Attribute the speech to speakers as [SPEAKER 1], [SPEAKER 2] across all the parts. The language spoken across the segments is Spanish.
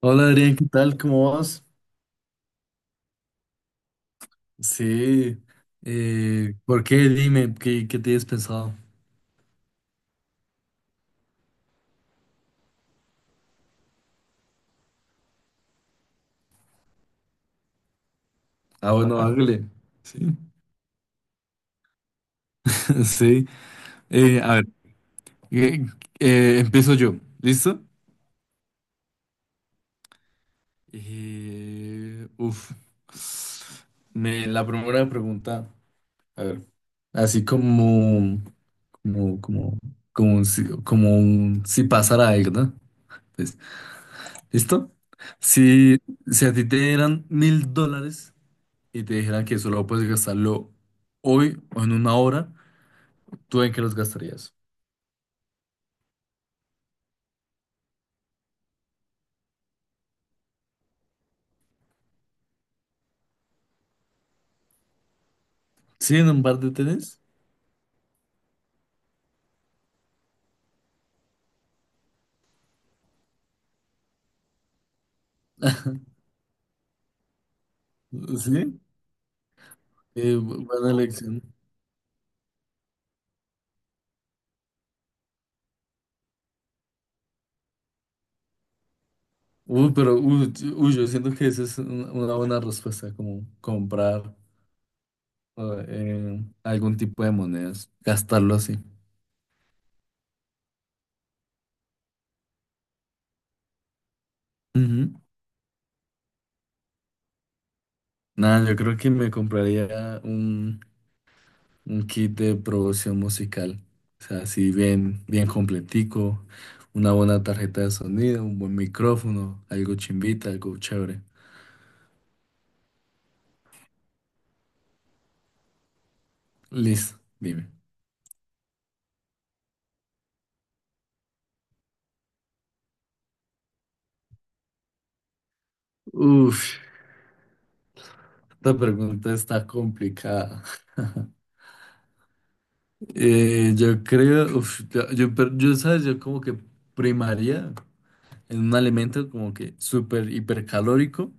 [SPEAKER 1] Hola Adrián, ¿qué tal? ¿Cómo vas? Sí, ¿por qué? Dime, ¿qué tienes pensado? Ah, bueno, hágale. Sí, sí. A ver, eh, empiezo yo. ¿Listo? Uf. Me, la primera pregunta, a ver, así como, como, como, un si, como un si pasara algo, ¿no? Pues, ¿listo? Si, si a ti te dieran mil dólares. Y te dijeran que solo puedes gastarlo hoy o en una hora, ¿tú en qué los gastarías? ¿Sí, en un par de tenis? ¿Sí? Buena elección. Uy, pero uy, yo uy, Yo siento que esa es una buena respuesta, como comprar algún tipo de monedas, gastarlo así. Ujú. Nada, yo creo que me compraría un kit de producción musical. O sea, así bien, bien completico. Una buena tarjeta de sonido, un buen micrófono, algo chimbita, algo chévere. Listo, dime. Uf, esta pregunta está complicada. Yo creo, uf, ¿sabes? Yo como que primaría en un alimento como que súper hipercalórico,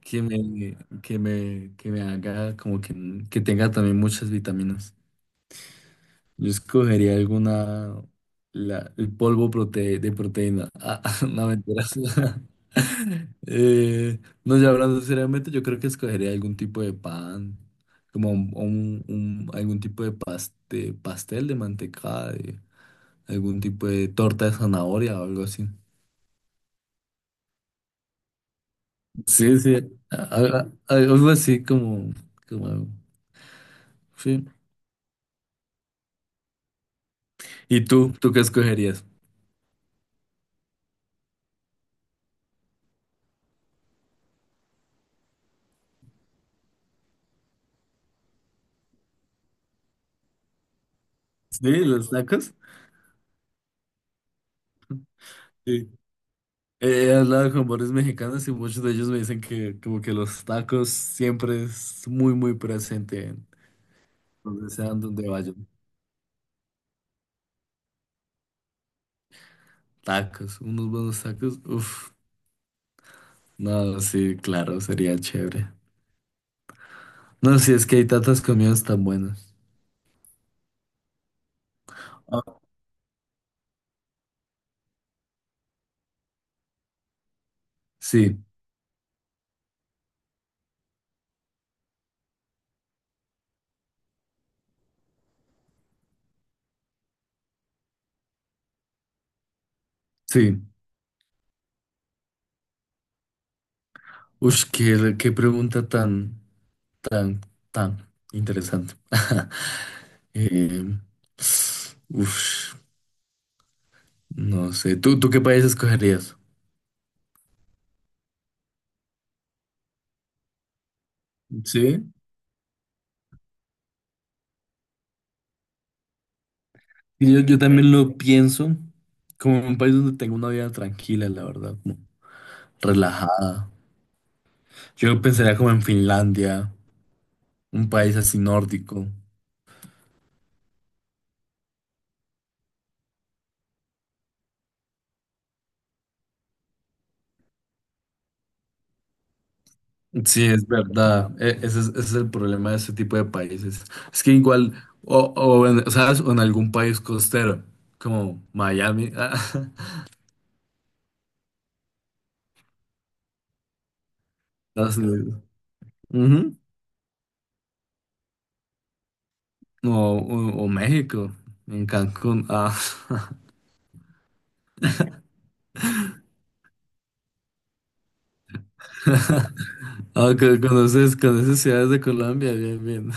[SPEAKER 1] que me haga como que tenga también muchas vitaminas. Yo escogería alguna, el polvo de proteína. Ah, no, mentiras. Eh, no, ya hablando seriamente, yo creo que escogería algún tipo de pan, como algún tipo de pastel de mantecada, de algún tipo de torta de zanahoria o algo así. Sí, sí, a- a- algo así como, como, sí. ¿Y tú? ¿Tú qué escogerías? Sí, los tacos. He hablado con varios mexicanos y muchos de ellos me dicen que como que los tacos siempre es muy muy presente en donde sean donde vayan. Tacos, unos buenos tacos, uff, no, sí, claro, sería chévere. No, sí, es que hay tantas comidas tan buenas. Ah, sí, sí. Uff, qué, qué pregunta tan, tan, tan interesante. Eh, uf, no sé, ¿tú qué país escogerías? Sí. Y Yo también lo pienso como un país donde tengo una vida tranquila, la verdad, como relajada. Yo pensaría como en Finlandia, un país así nórdico. Sí, es verdad. Ese es el problema de ese tipo de países. Es que igual, o en, ¿sabes? O en algún país costero, como Miami. Estados Unidos. Ujú. O, o México, en Cancún. Ah. Ah, conoces, conoces ciudades de Colombia, bien,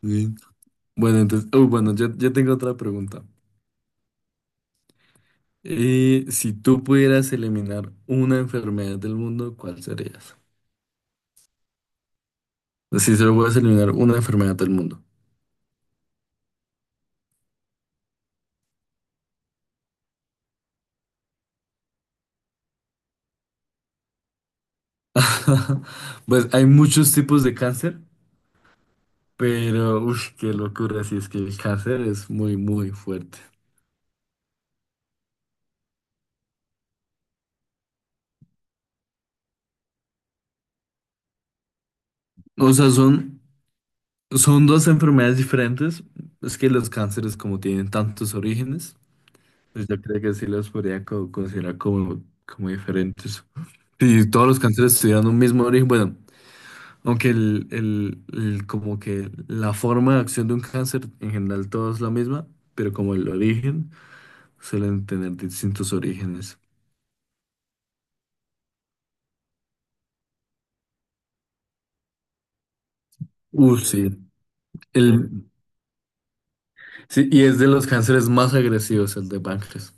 [SPEAKER 1] bien. Bueno, entonces, uy, bueno, yo tengo otra pregunta. Si tú pudieras eliminar una enfermedad del mundo, ¿cuál serías? Si solo puedes eliminar una enfermedad del mundo. Pues hay muchos tipos de cáncer, pero uf, qué locura, si es que el cáncer es muy, muy fuerte. O sea, son, son dos enfermedades diferentes. Es que los cánceres, como tienen tantos orígenes, pues yo creo que sí los podría considerar como, como diferentes. Si todos los cánceres tuvieran un mismo origen, bueno. Aunque como que la forma de acción de un cáncer en general todo es la misma, pero como el origen suelen tener distintos orígenes. Sí. El, sí, y es de los cánceres más agresivos el de páncreas.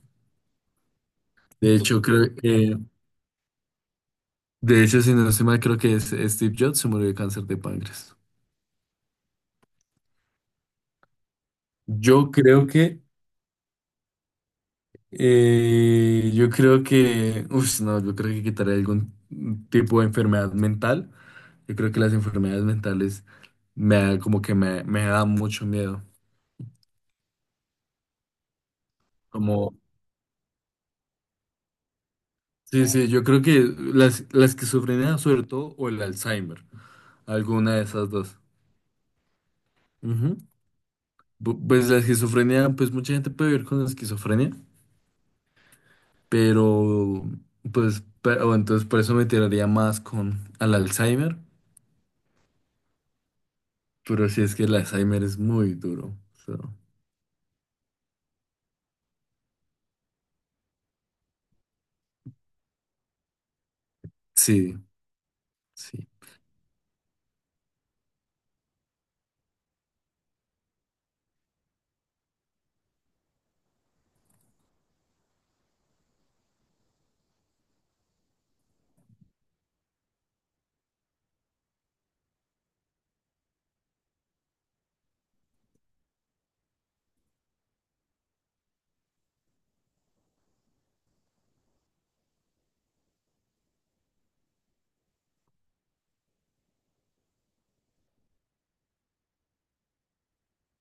[SPEAKER 1] De hecho, creo que, de hecho, si no estoy mal, creo que es Steve Jobs se murió de cáncer de páncreas. Yo creo que, yo creo que, uff, no, yo creo que quitaré algún tipo de enfermedad mental. Yo creo que las enfermedades mentales como que me da mucho miedo. Como, sí, sí, yo creo que la esquizofrenia sobre todo o el Alzheimer, alguna de esas dos. Ujú. Pues la esquizofrenia, pues mucha gente puede vivir con esquizofrenia, pero pues, pero, entonces por eso me tiraría más con al Alzheimer, pero si es que el Alzheimer es muy duro. So, sí, sí.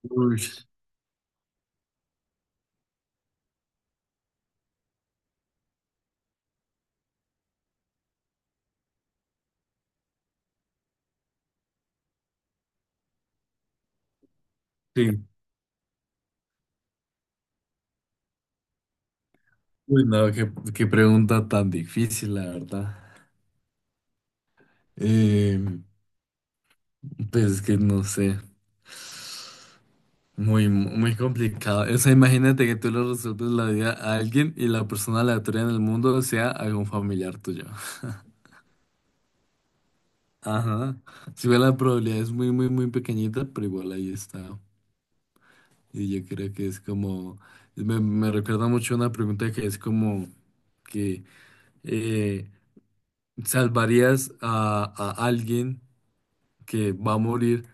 [SPEAKER 1] Uy, sí. Uy, no, qué, qué pregunta tan difícil, la verdad. Eh, pues es que no sé, muy, muy complicado. O sea, imagínate que tú le resuelves la vida a alguien y la persona aleatoria en el mundo sea algún familiar tuyo. Ajá. Si bien la probabilidad es muy, muy, muy pequeñita, pero igual ahí está. Y yo creo que es como, me recuerda mucho una pregunta que es como que eh, ¿salvarías a alguien que va a morir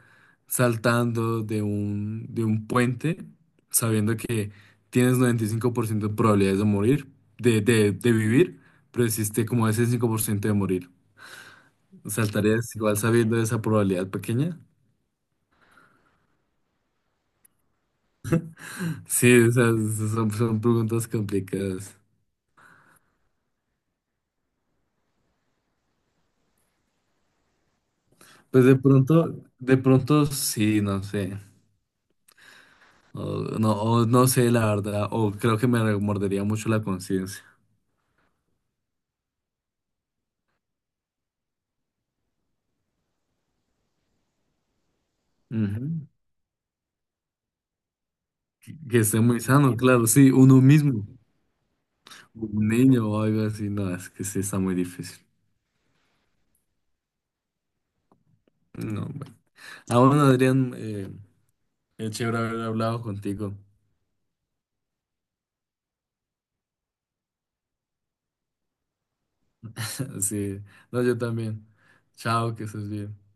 [SPEAKER 1] saltando de un puente, sabiendo que tienes 95% de probabilidades de de vivir, pero existe como ese 5% de morir? ¿Saltarías igual sabiendo esa probabilidad pequeña? Sí, o sea, son, son preguntas complicadas. Pues de pronto sí, no sé. O no sé, la verdad. O creo que me remordería mucho la conciencia. Ujú. Que esté muy sano, claro, sí, uno mismo. Un niño o algo así, no, es que sí está muy difícil. No, bueno. Ah, bueno, Adrián, qué chévere haber hablado contigo. Sí, no, yo también. Chao, que estés bien.